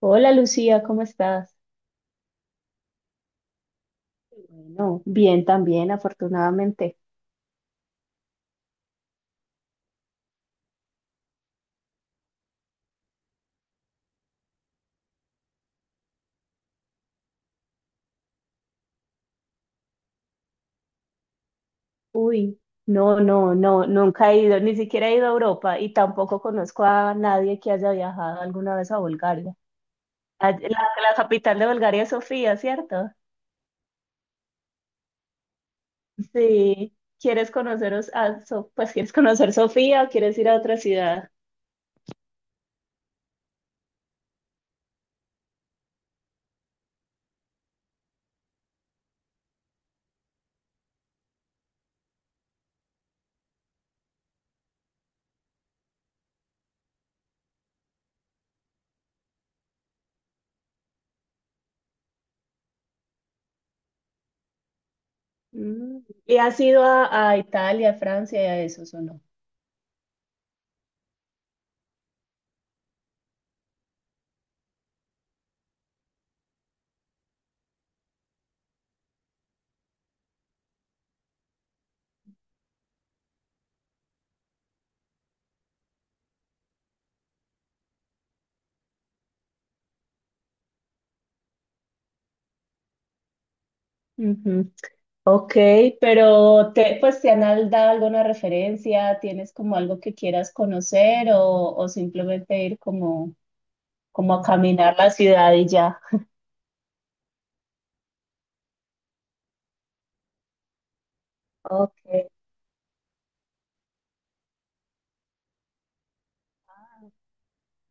Hola Lucía, ¿cómo estás? Bueno, bien también, afortunadamente. Uy, no, no, no, nunca he ido, ni siquiera he ido a Europa y tampoco conozco a nadie que haya viajado alguna vez a Bulgaria. A- La, la capital de Bulgaria es Sofía, ¿cierto? Sí. ¿Quieres conoceros a, pues quieres conocer Sofía o quieres ir a otra ciudad? Mm, ¿Y has ido a Italia, Francia y a esos o no? Ujú. Ok, pero te, pues te han dado alguna referencia, tienes como algo que quieras conocer o simplemente ir como, como a caminar la ciudad y ya. Ok.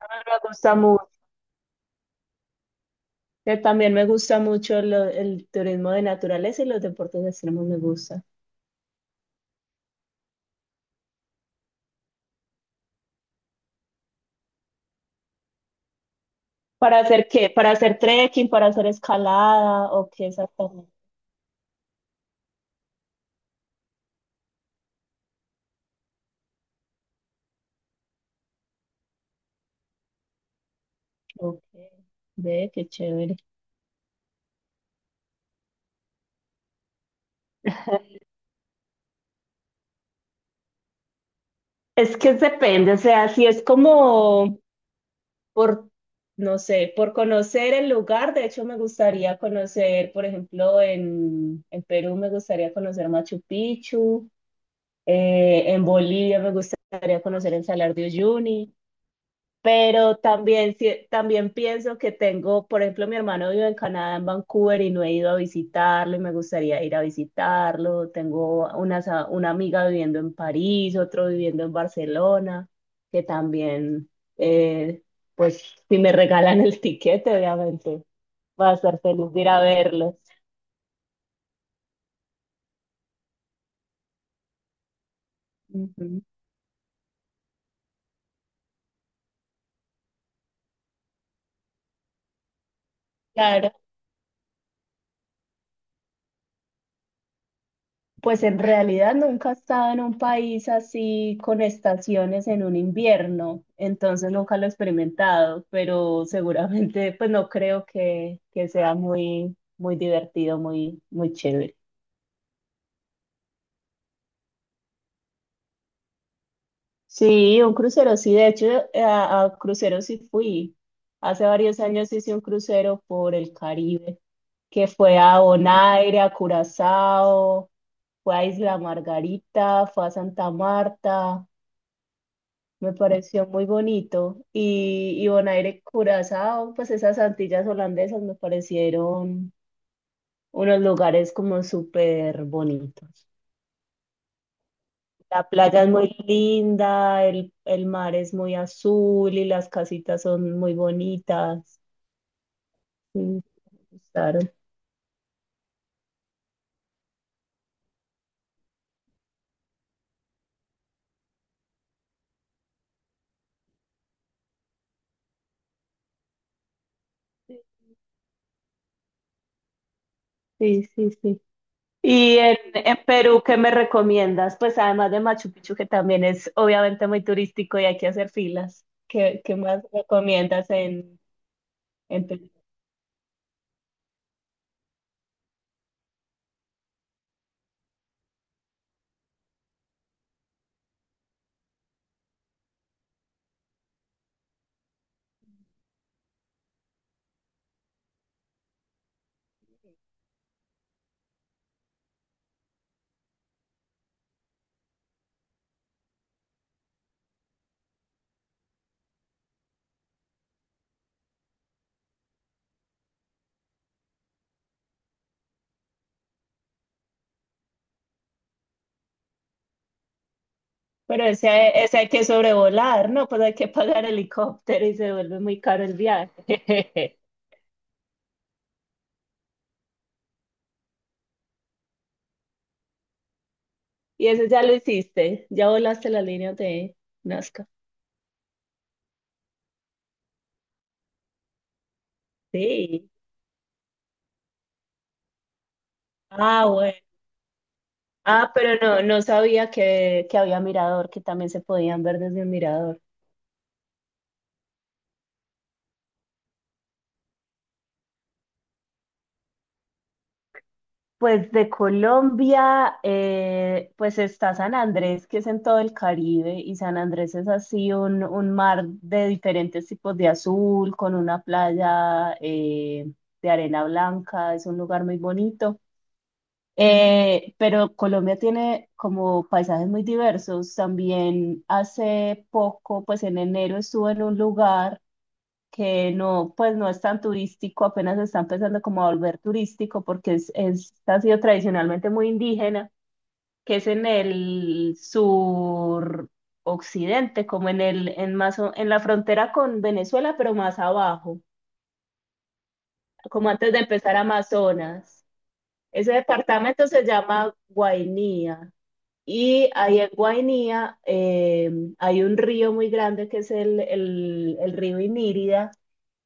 Ah, me gusta mucho. También me gusta mucho el turismo de naturaleza y los deportes extremos me gustan. ¿Para hacer qué? ¿Para hacer trekking? ¿Para hacer escalada? ¿O qué exactamente? Ok, ve, qué chévere. Es que depende, o sea, si es como por, no sé, por conocer el lugar. De hecho, me gustaría conocer, por ejemplo, en Perú me gustaría conocer Machu Picchu, en Bolivia me gustaría conocer el Salar de Uyuni. Pero también, también pienso que tengo, por ejemplo, mi hermano vive en Canadá, en Vancouver, y no he ido a visitarlo y me gustaría ir a visitarlo. Tengo una, una amiga viviendo en París, otro viviendo en Barcelona, que también, eh, pues, si me regalan el tiquete, obviamente, va a ser feliz de ir a verlos. Ujú. Claro. Pues en realidad nunca he estado en un país así con estaciones en un invierno, entonces nunca lo he experimentado, pero seguramente pues no creo que sea muy, muy divertido, muy, muy chévere. Sí, un crucero, sí, de hecho a cruceros sí fui. Hace varios años hice un crucero por el Caribe, que fue a Bonaire, a Curazao, fue a Isla Margarita, fue a Santa Marta. Me pareció muy bonito. Y Bonaire, Curazao, pues esas Antillas holandesas me parecieron unos lugares como súper bonitos. La playa es muy linda, el mar es muy azul y las casitas son muy bonitas. Sí, me gustaron. Sí, sí, sí. Y en Perú, ¿qué me recomiendas? Pues además de Machu Picchu, que también es obviamente muy turístico y hay que hacer filas. ¿Qué, qué más recomiendas en Perú? Pero ese, ese hay que sobrevolar, ¿no? Pues hay que pagar helicóptero y se vuelve muy caro el viaje. Y eso ya lo hiciste, ya volaste la línea de Nazca. Sí. Ah, bueno. Ah, pero no, no sabía que había mirador, que también se podían ver desde un mirador. Pues de Colombia, pues está San Andrés, que es en todo el Caribe, y San Andrés es así un mar de diferentes tipos de azul, con una playa de arena blanca, es un lugar muy bonito. Pero Colombia tiene como paisajes muy diversos. También hace poco, pues en enero estuve en un lugar que no, pues no es tan turístico, apenas se está empezando como a volver turístico porque es, ha sido tradicionalmente muy indígena, que es en el sur occidente, como en el, en más, en la frontera con Venezuela, pero más abajo, como antes de empezar Amazonas. Ese departamento se llama Guainía. Y ahí en Guainía hay un río muy grande que es el río Inírida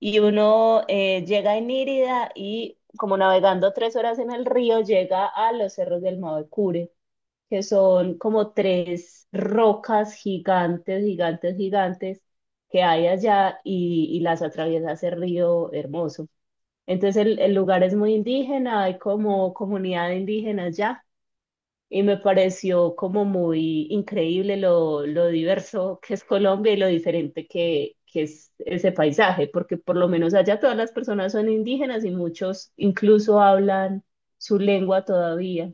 y uno llega en Írida y como navegando 3 horas en el río, llega a los cerros del Mavecure, que son como tres rocas gigantes, gigantes, gigantes que hay allá y las atraviesa ese río hermoso. Entonces el lugar es muy indígena, hay como comunidad indígena allá y me pareció como muy increíble lo diverso que es Colombia y lo diferente que es ese paisaje, porque por lo menos allá todas las personas son indígenas y muchos incluso hablan su lengua todavía.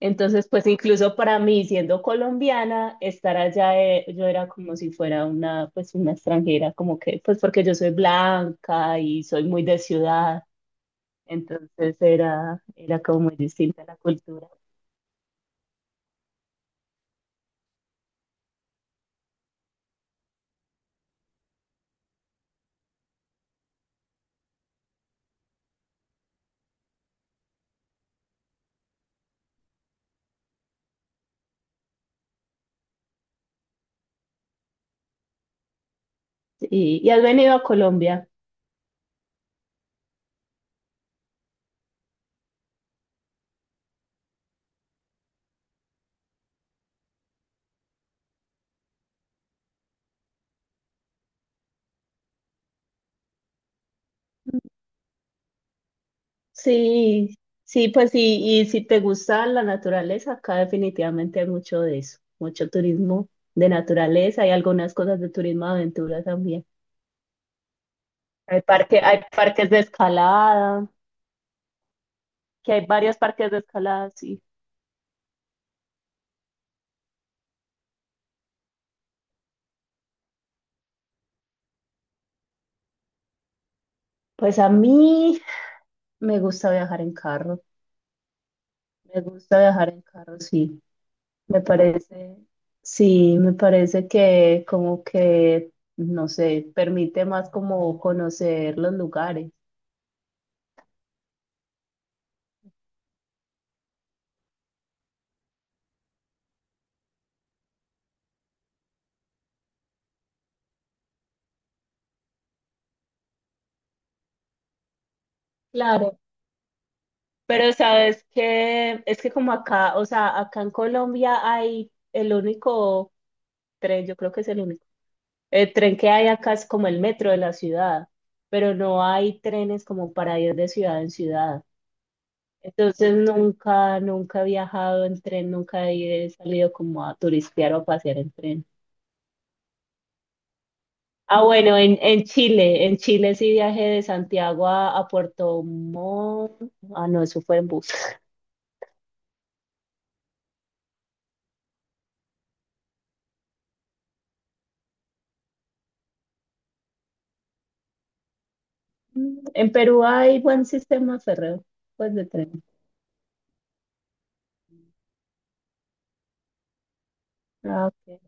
Entonces, pues incluso para mí, siendo colombiana, estar allá, yo era como si fuera una, pues una extranjera, como que, pues porque yo soy blanca y soy muy de ciudad, entonces era, era como muy distinta la cultura. Y has venido a Colombia. Sí, sí, pues sí, y si te gusta la naturaleza, acá definitivamente hay mucho de eso, mucho turismo de naturaleza, hay algunas cosas de turismo de aventura también. Hay parque, hay parques de escalada, que hay varios parques de escalada, sí. Pues a mí me gusta viajar en carro, me gusta viajar en carro, sí. Me parece, sí, me parece que como que, no sé, permite más como conocer los lugares. Claro. Pero sabes que es que como acá, o sea, acá en Colombia hay el único tren, yo creo que es el único, el tren que hay acá es como el metro de la ciudad, pero no hay trenes como para ir de ciudad en ciudad. Entonces nunca, nunca he viajado en tren, nunca he salido como a turistear o a pasear en tren. Ah, bueno, en Chile sí viajé de Santiago a Puerto Montt. Ah, no, eso fue en bus. En Perú hay buen sistema férreo, pues de tren. Ah, ok,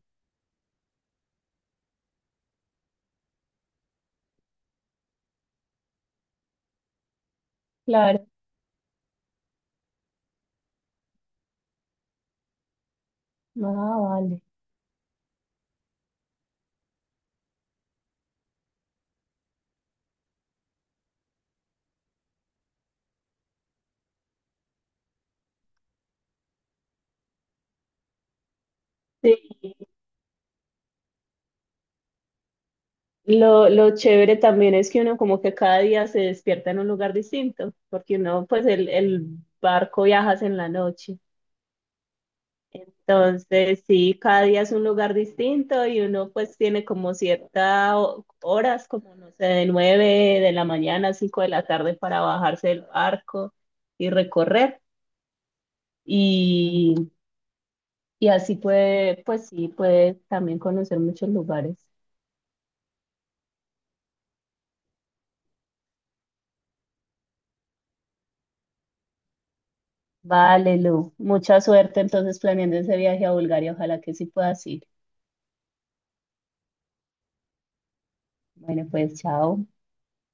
claro. Ah, vale. Sí, lo chévere también es que uno como que cada día se despierta en un lugar distinto, porque uno, pues el barco viajas en la noche. Entonces, sí, cada día es un lugar distinto y uno pues tiene como ciertas horas, como no sé, de 9 de la mañana a 5 de la tarde para bajarse del barco y recorrer. y Y así puede, pues sí, puede también conocer muchos lugares. Vale, Lu, mucha suerte entonces planeando ese viaje a Bulgaria. Ojalá que sí puedas ir. Bueno, pues chao.